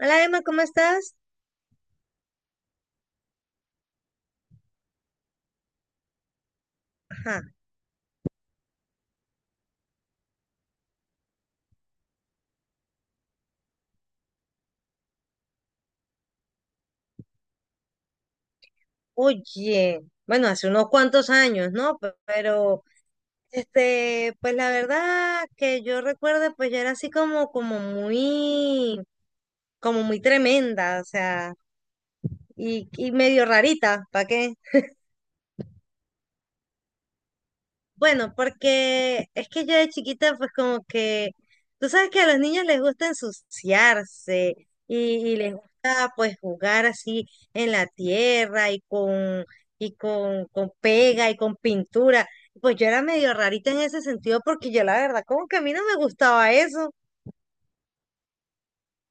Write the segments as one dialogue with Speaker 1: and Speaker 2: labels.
Speaker 1: Hola Emma, ¿cómo estás? Ajá. Oye, bueno, hace unos cuantos años, ¿no? Pues la verdad que yo recuerdo, pues yo era así como, como muy tremenda, o sea, y medio rarita, ¿para qué? Bueno, porque es que yo de chiquita, pues como que, tú sabes que a los niños les gusta ensuciarse y, y les gusta pues jugar así en la tierra y con pega y con pintura. Pues yo era medio rarita en ese sentido porque yo la verdad como que a mí no me gustaba eso.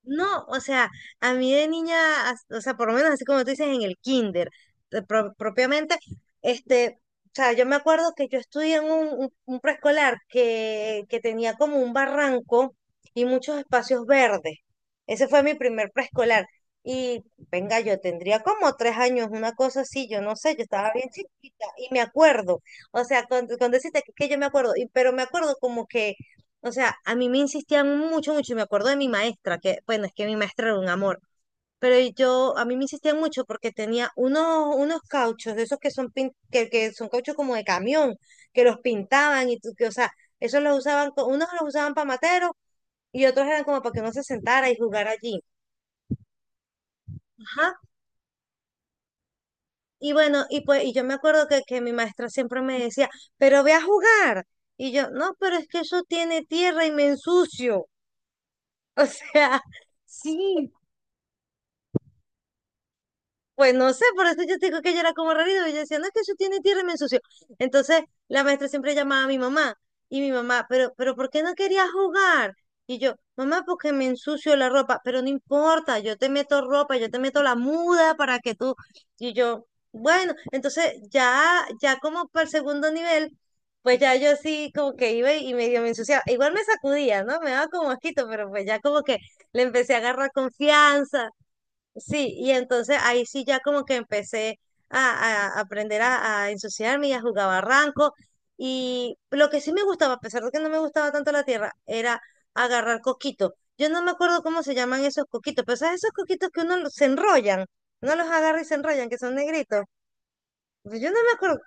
Speaker 1: No, o sea, a mí de niña, o sea, por lo menos así como tú dices en el kinder, propiamente. este, o sea, yo me acuerdo que yo estudié en un preescolar que tenía como un barranco y muchos espacios verdes. Ese fue mi primer preescolar. Y venga, yo tendría como 3 años, una cosa así, yo no sé, yo estaba bien chiquita y me acuerdo, o sea, con, con decirte que yo me acuerdo, pero me acuerdo como que o sea, a mí me insistían mucho, mucho, y me acuerdo de mi maestra, que, bueno, es que mi maestra era un amor, pero yo, a mí me insistían mucho porque tenía unos cauchos, de esos que son, que son cauchos como de camión, que los pintaban y tú, que, o sea, esos los usaban, unos los usaban para materos y otros eran como para que uno se sentara y jugar allí. Ajá. Y bueno, y pues, y yo me acuerdo que mi maestra siempre me decía, pero ve a jugar. Y yo, no, pero es que eso tiene tierra y me ensucio. O sea, sí, pues no sé, por eso yo te digo que ella era como rarito. Y yo decía, no, es que eso tiene tierra y me ensució. Entonces, la maestra siempre llamaba a mi mamá. Y mi mamá, pero ¿por qué no querías jugar? Y yo, mamá, porque me ensucio la ropa. Pero no importa, yo te meto ropa, yo te meto la muda para que tú. Y yo, bueno, entonces ya, como para el segundo nivel, pues ya yo así como que iba y medio me ensuciaba. Igual me sacudía, ¿no? Me daba como asquito, pero pues ya como que le empecé a agarrar confianza. Sí, y entonces ahí sí ya como que empecé a, a aprender a ensuciarme y a jugar barranco. Y lo que sí me gustaba, a pesar de que no me gustaba tanto la tierra, era agarrar coquitos. Yo no me acuerdo cómo se llaman esos coquitos, pero ¿sabes esos coquitos que uno se enrollan? Uno los agarra y se enrollan, que son negritos. Pues yo no me acuerdo,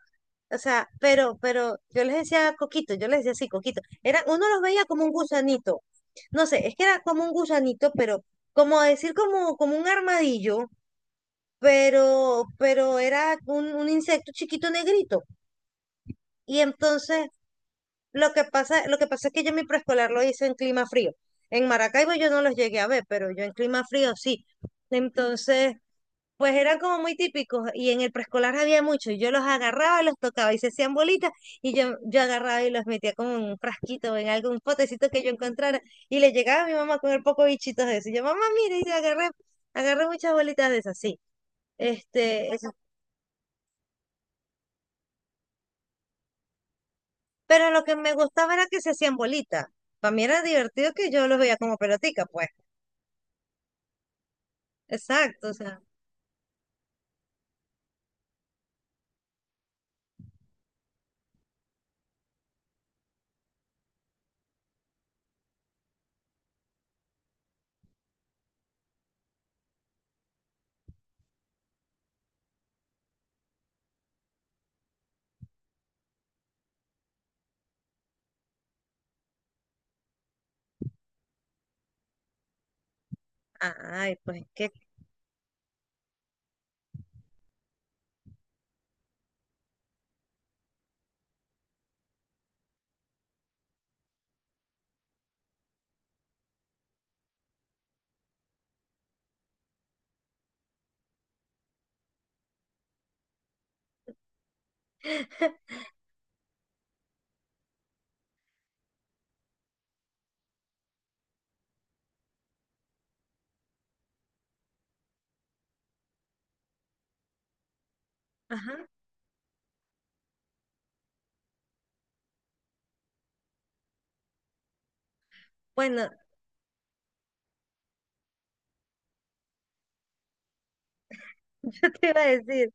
Speaker 1: o sea, pero yo les decía coquitos, yo les decía así, coquitos. Era, uno los veía como un gusanito. No sé, es que era como un gusanito, pero como decir como, un armadillo pero era un insecto chiquito negrito. Y entonces lo que pasa es que yo mi preescolar lo hice en clima frío. En Maracaibo yo no los llegué a ver, pero yo en clima frío sí. Entonces, pues eran como muy típicos y en el preescolar había muchos. Yo los agarraba, los tocaba y se hacían bolitas y yo agarraba y los metía como en un frasquito o en algún potecito que yo encontrara y le llegaba a mi mamá con el poco bichitos de eso. Y yo, mamá, mire, y agarré, agarré muchas bolitas de esas, sí. Este, Pero lo que me gustaba era que se hacían bolitas. Para mí era divertido que yo los veía como pelotica, pues. Exacto, o sea, ay, pues que, ajá. Bueno, yo te iba a decir,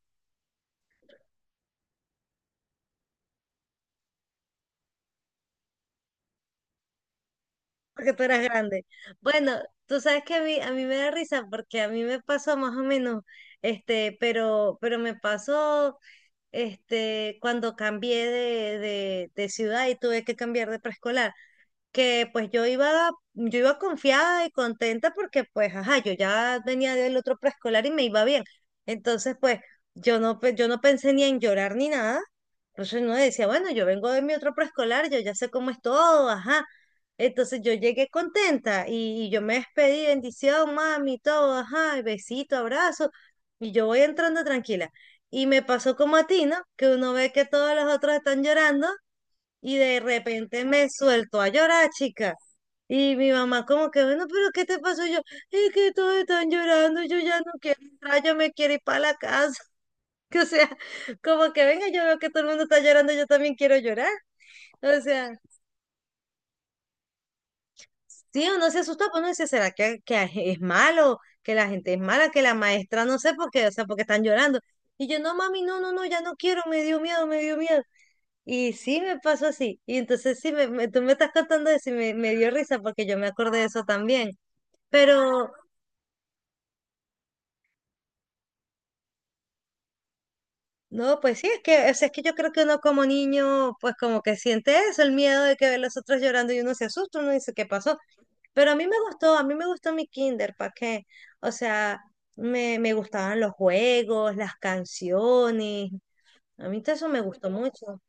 Speaker 1: porque tú eras grande. Bueno, tú sabes que a mí me da risa porque a mí me pasó más o menos, pero me pasó, cuando cambié de, ciudad y tuve que cambiar de preescolar. Que pues yo iba confiada y contenta porque pues, ajá, yo ya venía del otro preescolar y me iba bien. Entonces, pues, yo no, yo no pensé ni en llorar ni nada. Entonces uno decía, bueno, yo vengo de mi otro preescolar, yo ya sé cómo es todo, ajá. Entonces yo llegué contenta y yo me despedí, bendición, mami, todo, ajá, y besito, abrazo, y yo voy entrando tranquila. Y me pasó como a ti, ¿no? Que uno ve que todos los otros están llorando y de repente me suelto a llorar, chica. Y mi mamá como que, bueno, pero ¿qué te pasó? Y yo, es que todos están llorando, yo ya no quiero entrar, yo me quiero ir para la casa. Que, o sea, como que venga, yo veo que todo el mundo está llorando, yo también quiero llorar. O sea, sí, uno se asusta, pues uno dice, ¿será que es malo? Que la gente es mala, que la maestra, no sé por qué, o sea, porque están llorando. Y yo, no, mami, no, no, no, ya no quiero, me dio miedo, me dio miedo. Y sí me pasó así. Y entonces sí, me, tú me estás contando eso y me, dio risa porque yo me acordé de eso también. Pero no, pues sí, es que, o sea, es que yo creo que uno como niño, pues como que siente eso, el miedo de que ve a los otros llorando y uno se asusta, uno dice, ¿qué pasó? Pero a mí me gustó, mi kinder, ¿para qué? O sea, me gustaban los juegos, las canciones. A mí todo eso me gustó mucho.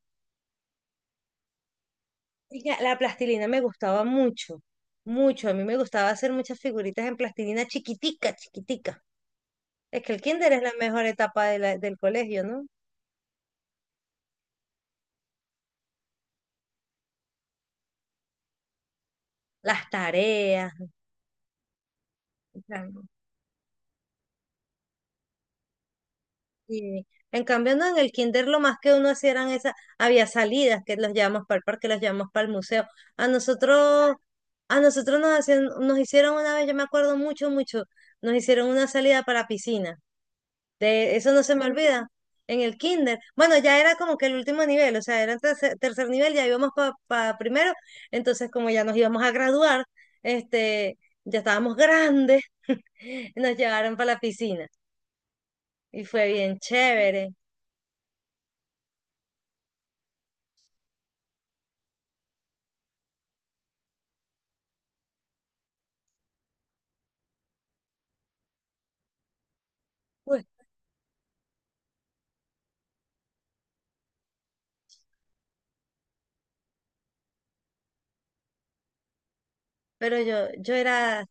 Speaker 1: Chica, la plastilina me gustaba mucho, mucho. A mí me gustaba hacer muchas figuritas en plastilina chiquitica, chiquitica. Es que el kinder es la mejor etapa de del colegio, ¿no? Las tareas. O sea, y- en cambio, no, en el kinder lo más que uno hacía eran esas, había salidas que los llevamos para el parque, los llevamos para el museo. A nosotros, a nosotros, nos hacían, nos hicieron una vez, yo me acuerdo mucho, mucho, nos hicieron una salida para piscina. De eso no se me olvida. En el kinder. Bueno, ya era como que el último nivel, o sea, era tercer nivel, ya íbamos para primero. Entonces, como ya nos íbamos a graduar, este, ya estábamos grandes, nos llevaron para la piscina. Y fue bien chévere. Uy, pero yo, era,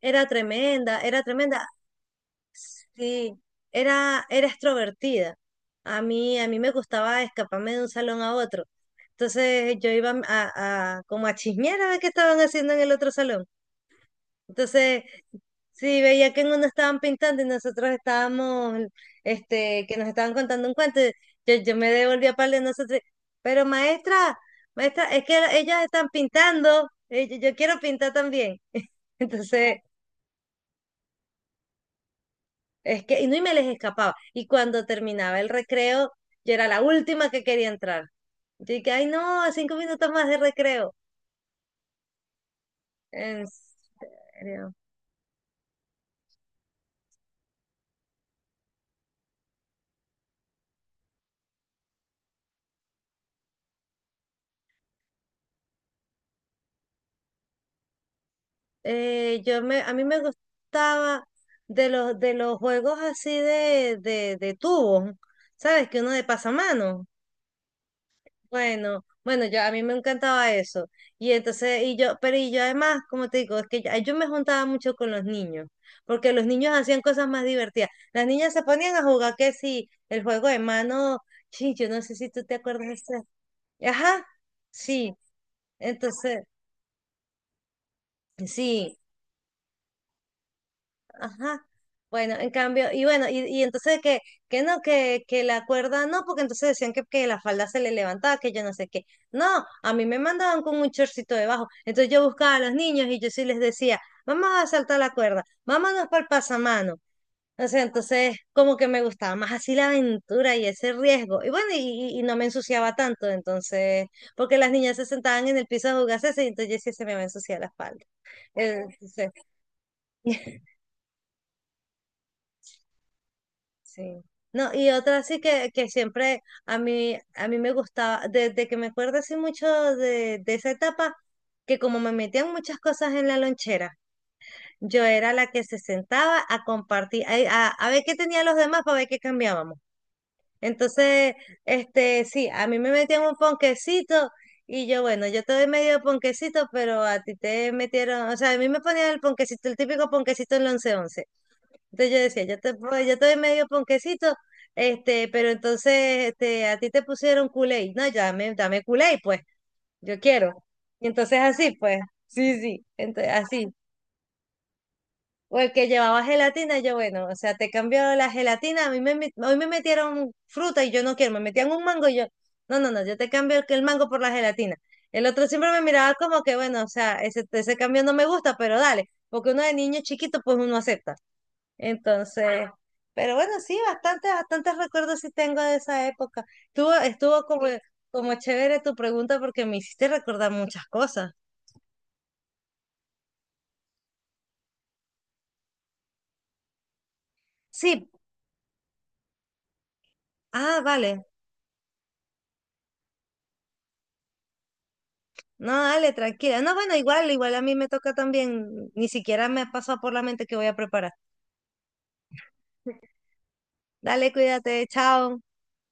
Speaker 1: era tremenda, era tremenda. Sí, era, era, extrovertida. a mí me gustaba escaparme de un salón a otro. Entonces yo iba a, como a chismear a ver qué estaban haciendo en el otro salón. Entonces, sí, veía que en uno estaban pintando y nosotros estábamos, que nos estaban contando un cuento. Y Yo me devolví a par de nosotros. Pero maestra, maestra, es que ellas están pintando. Yo quiero pintar también. Entonces, es que, y no, y me les escapaba. Y cuando terminaba el recreo, yo era la última que quería entrar. Yo dije, ay no, 5 minutos más de recreo. En serio. Yo me, a mí me gustaba de los, juegos así de tubos, ¿sabes? Que uno de pasamano. Bueno, bueno, yo a mí me encantaba eso. Y entonces, y yo, pero y yo además, como te digo, es que yo, me juntaba mucho con los niños, porque los niños hacían cosas más divertidas. Las niñas se ponían a jugar que sí, el juego de mano, sí, yo no sé si tú te acuerdas de ese. Ajá, sí. Entonces, sí. Ajá. Bueno, en cambio, y bueno, y entonces que, que no, que la cuerda no, porque entonces decían que la falda se le levantaba, que yo no sé qué. No, a mí me mandaban con un chorcito debajo. Entonces yo buscaba a los niños y yo sí les decía, vamos a saltar la cuerda, vámonos para el pasamano. O sea, entonces como que me gustaba más así la aventura y ese riesgo. Y bueno, y, y no me ensuciaba tanto, entonces, porque las niñas se sentaban en el piso a jugarse, y entonces yo sí se me va a ensuciar la espalda. Entonces, Sí. No, y otra sí que, siempre a mí me gustaba, desde que me acuerdo así mucho de esa etapa, que como me metían muchas cosas en la lonchera, yo era la que se sentaba a compartir, a, a ver qué tenían los demás para ver qué cambiábamos. Entonces, sí, a mí me metían un ponquecito y yo, bueno, yo te doy medio ponquecito, pero a ti te metieron, o sea, a mí me ponían el ponquecito, el típico ponquecito en el once, entonces yo decía, yo te doy medio ponquecito, pero entonces a ti te pusieron culé. No, ya dame, dame culé, pues, yo quiero. Y entonces así, pues, sí, sí, entonces, así. O el que llevaba gelatina, yo bueno, o sea, te cambió la gelatina, a mí hoy me metieron fruta y yo no quiero, me metían un mango y yo, no, no, no, yo te cambio el mango por la gelatina. El otro siempre me miraba como que, bueno, o sea, ese cambio no me gusta, pero dale, porque uno de niño chiquito, pues uno acepta. Entonces, pero bueno, sí, bastantes, bastantes recuerdos sí tengo de esa época. Estuvo como, chévere tu pregunta porque me hiciste recordar muchas cosas. Sí, ah, vale. No, dale, tranquila. No, bueno, igual a mí me toca también. Ni siquiera me pasa por la mente que voy a preparar. Dale, cuídate, chao.